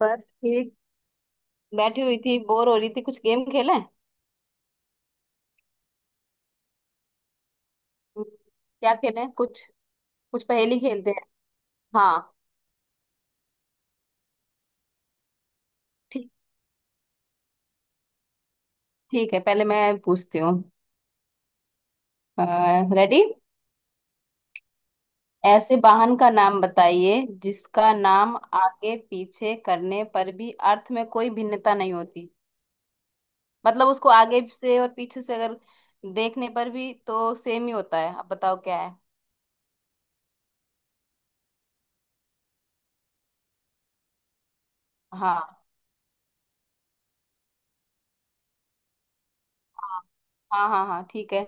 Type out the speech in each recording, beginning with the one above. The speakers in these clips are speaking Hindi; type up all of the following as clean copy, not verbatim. बस ठीक। बैठी हुई थी, बोर हो रही थी। कुछ गेम खेलें? क्या खेलें कुछ? कुछ पहेली खेलते हैं। हाँ। ठीक। ठीक है, पहले मैं पूछती हूँ। रेडी? ऐसे वाहन का नाम बताइए जिसका नाम आगे पीछे करने पर भी अर्थ में कोई भिन्नता नहीं होती। मतलब उसको आगे से और पीछे से अगर देखने पर भी तो सेम ही होता है। अब बताओ क्या है? हाँ, हाँ, हाँ, हाँ, हाँ, ठीक है।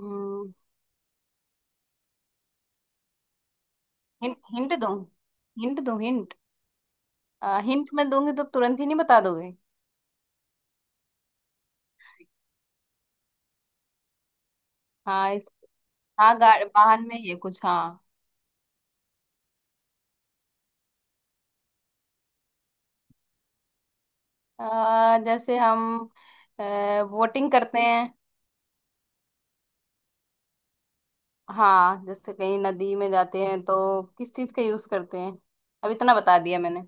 हिंट? हिंट दूँ? हिंट दूँ? हिंट? हिंट मैं दूंगी तो तुरंत ही नहीं बता दोगे? हाँ, इस, हाँ, वाहन में ये कुछ। हाँ। जैसे हम वोटिंग करते हैं। हाँ, जैसे कहीं नदी में जाते हैं तो किस चीज का यूज करते हैं? अब इतना बता दिया मैंने।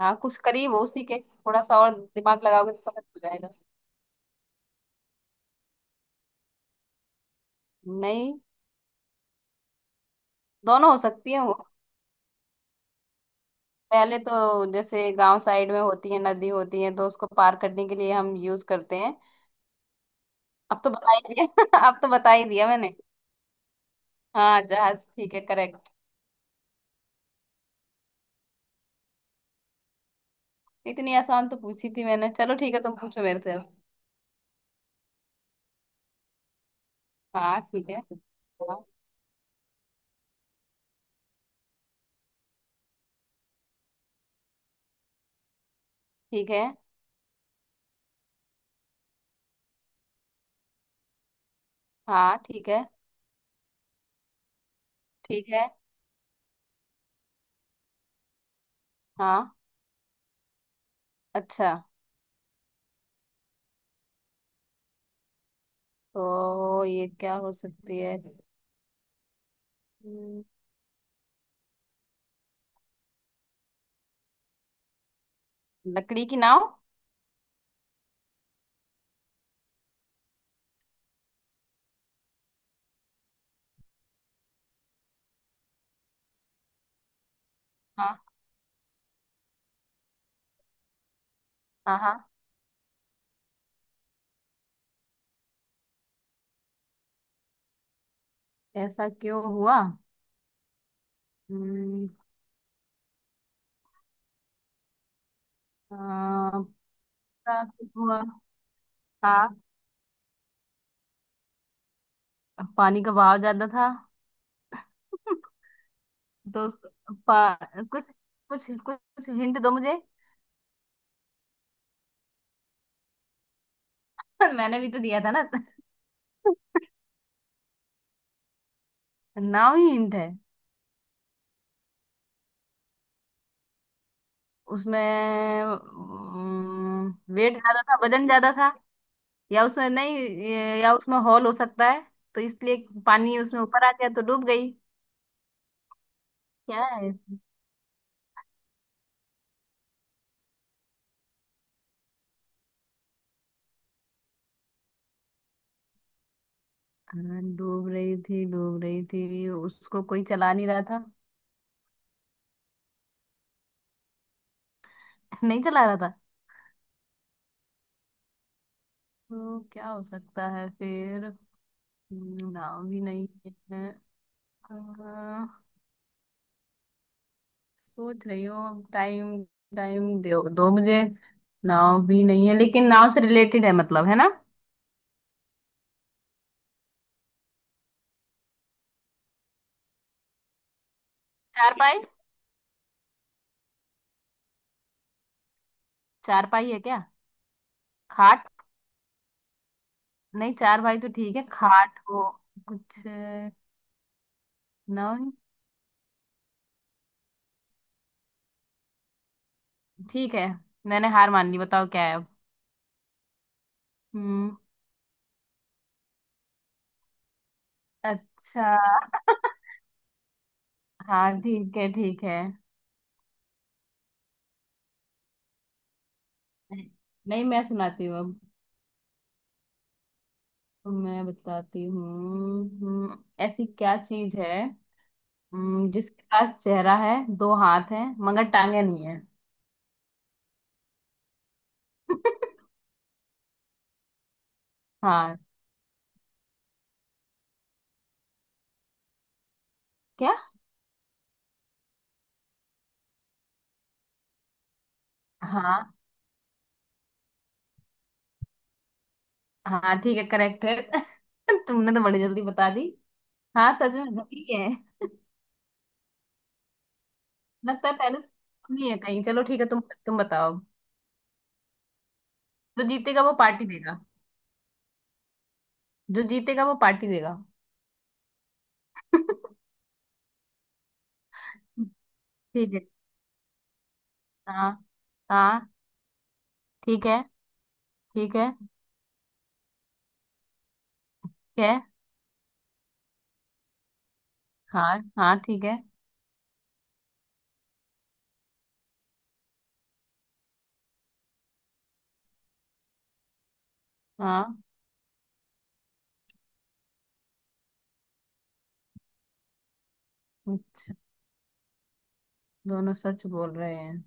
हाँ, कुछ करीब हो। उसी के थोड़ा सा और दिमाग लगाओगे तो समझ हो जाएगा। नहीं। दोनों हो सकती है वो। पहले तो जैसे गांव साइड में होती है, नदी होती है तो उसको पार करने के लिए हम यूज करते हैं। अब तो बता ही दिया। अब तो बता ही दिया मैंने। हाँ, जहाज ठीक है, करेक्ट। इतनी आसान तो पूछी थी मैंने। चलो ठीक है, तुम पूछो मेरे से अब। हाँ ठीक है। हाँ। ठीक है। हाँ ठीक है। ठीक है। हाँ। अच्छा, तो ये क्या हो सकती है? हम्म, लकड़ी की नाव। हाँ, हाँ, हाँ। ऐसा क्यों हुआ? हम्म, आ, ऐसा क्यों हुआ? हाँ। पानी का बहाव ज्यादा था। तो पा, कुछ कुछ कुछ हिंट दो मुझे। मैंने भी तो दिया था ना। नाव ही हिंट है। उसमें वेट ज्यादा था, वजन ज्यादा था। या उसमें नहीं या उसमें हॉल हो सकता है, तो इसलिए पानी उसमें ऊपर आ गया तो डूब गई। क्या है इसमें? हाँ, डूब रही थी, डूब रही थी, उसको कोई चला नहीं रहा था। नहीं चला रहा था। तो क्या हो सकता है फिर? नाव भी नहीं है। अ, सोच रही हूँ। अब टाइम, टाइम दो दो मुझे। नाव भी नहीं है लेकिन नाव से रिलेटेड है, मतलब, है ना? चारपाई? चारपाई है क्या? खाट? नहीं, 4 भाई तो ठीक है, खाट हो। कुछ। नौ? ठीक है, मैंने हार मान ली, बताओ क्या है अब। हम्म। अच्छा। हाँ ठीक है, ठीक है। नहीं, मैं सुनाती हूँ अब। मैं बताती हूँ। ऐसी क्या चीज है? जिसके पास चेहरा है, 2 हाथ है, मगर टांगे नहीं है? हाँ। क्या? हाँ, हाँ, ठीक है करेक्ट है। तुमने तो बड़ी जल्दी बता दी। हाँ, सच में घड़ी है। लगता है पहले से नहीं है कहीं। चलो ठीक है तुम। तुम बताओ। जो जीतेगा वो पार्टी देगा। जो जीतेगा वो पार्टी देगा। ठीक है। हाँ। हाँ ठीक है। ठीक है, ठीक है। हाँ। हाँ ठीक है। हाँ। दोनों सच बोल रहे हैं?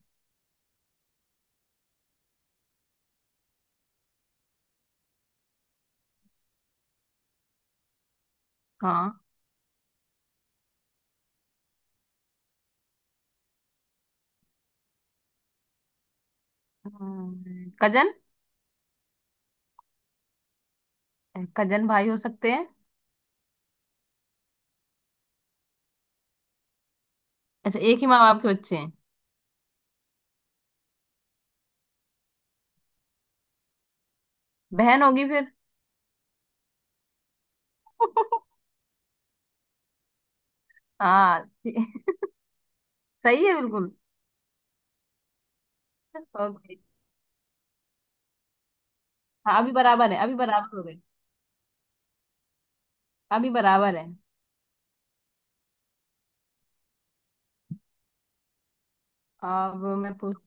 हाँ। कजन? कजन भाई हो सकते हैं। अच्छा, एक ही माँ बाप के बच्चे हैं? बहन होगी फिर। हाँ। सही है बिल्कुल। ओके। हाँ, अभी बराबर है, अभी बराबर हो गए। अभी बराबर है। अब मैं पूछ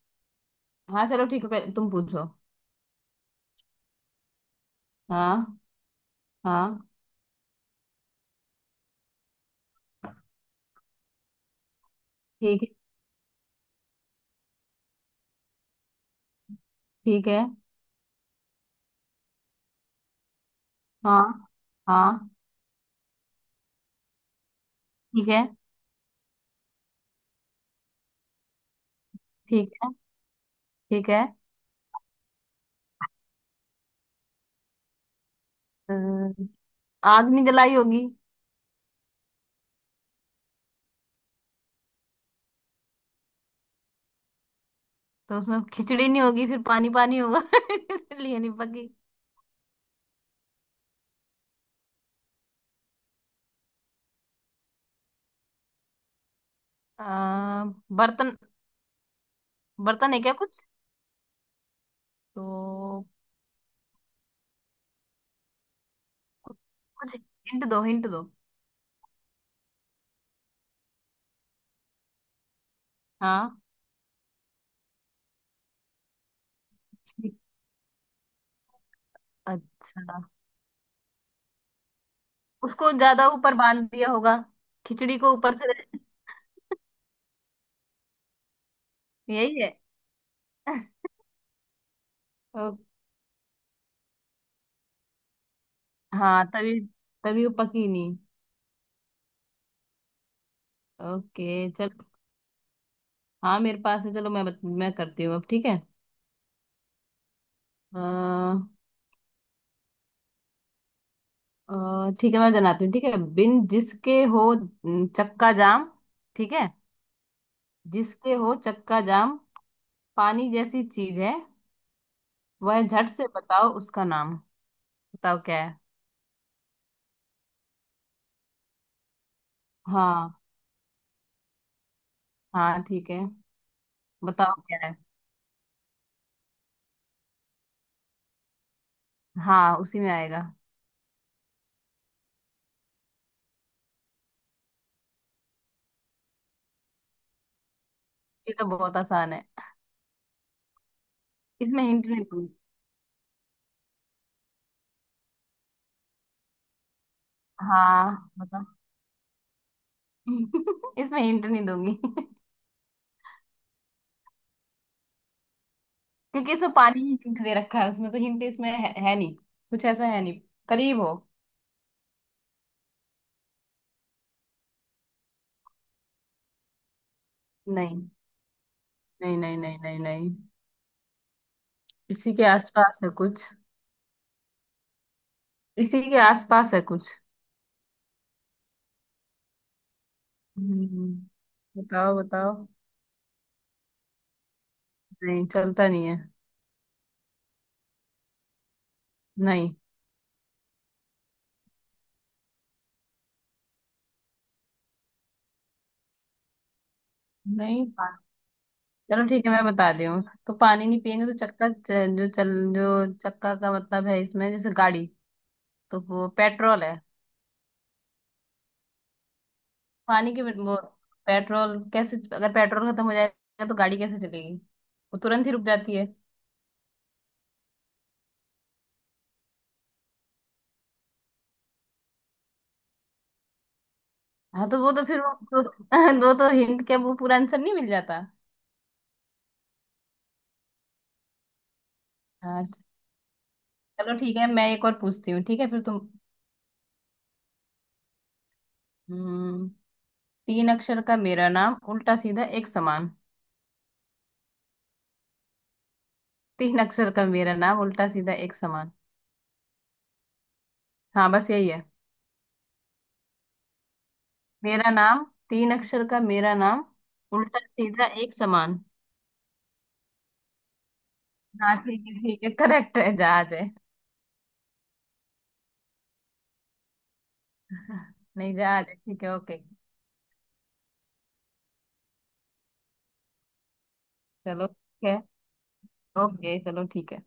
हाँ, चलो ठीक है, पहले तुम पूछो। हाँ, हाँ, ठीक है, ठीक है। हाँ, हाँ, ठीक है, ठीक है, ठीक है। अम, आग नहीं जलाई होगी। तो उसमें खिचड़ी नहीं होगी, फिर पानी पानी होगा इसलिए नहीं पकी। आ, बर्तन? बर्तन है क्या कुछ? तो कुछ कुछ हिंट दो, हिंट दो। हाँ। ठीक। अच्छा। उसको ज्यादा ऊपर बांध दिया होगा। खिचड़ी को ऊपर से। यही है। ओ, हाँ, तभी। तभी वो पकी नहीं। ओके, चल। हाँ, मेरे पास है, चलो मैं करती हूँ अब ठीक है। अ, ठीक है, मैं जनाती हूँ ठीक है। बिन जिसके हो न, चक्का जाम। ठीक है। जिसके हो चक्का जाम। पानी जैसी चीज है। वह झट से बताओ उसका नाम। बताओ क्या है? हाँ। हाँ ठीक है। बताओ क्या है? हाँ, उसी में आएगा। ये तो बहुत आसान है। इसमें हिंट नहीं दूंगी। हाँ बताओ। इसमें हिंट नहीं दूंगी। क्योंकि इसमें पानी ही हिंट दे रखा है, उसमें तो हिंट इसमें है नहीं कुछ, ऐसा है नहीं। करीब हो। नहीं। नहीं, नहीं, नहीं, नहीं, नहीं। इसी के आसपास है कुछ। इसी के आसपास है कुछ। हम्म, बताओ, बताओ। नहीं, चलता नहीं है। नहीं, नहीं, चलो ठीक है, मैं बता रही हूँ। तो पानी नहीं पियेंगे तो जो चक्का का मतलब है, इसमें जैसे गाड़ी, तो वो पेट्रोल है। वो पेट्रोल, कैसे अगर पेट्रोल खत्म हो जाएगा तो गाड़ी कैसे चलेगी? वो तुरंत ही रुक जाती है। हाँ, तो वो तो फिर वो, तो, वो तो हिंट के, वो पूरा आंसर नहीं मिल जाता। हाँ, चलो ठीक है, मैं एक और पूछती हूँ ठीक है फिर तुम। हम्म, 3 अक्षर का मेरा नाम उल्टा सीधा एक समान। 3 अक्षर का मेरा नाम उल्टा सीधा एक समान। हाँ, बस यही है। मेरा नाम, 3 अक्षर का मेरा नाम उल्टा सीधा एक समान। हाँ, ठीक है, ठीक है करेक्ट है, जहाज है। नहीं, जहाज है ठीक है, ओके। चलो ठीक है। ओके, चलो ठीक है।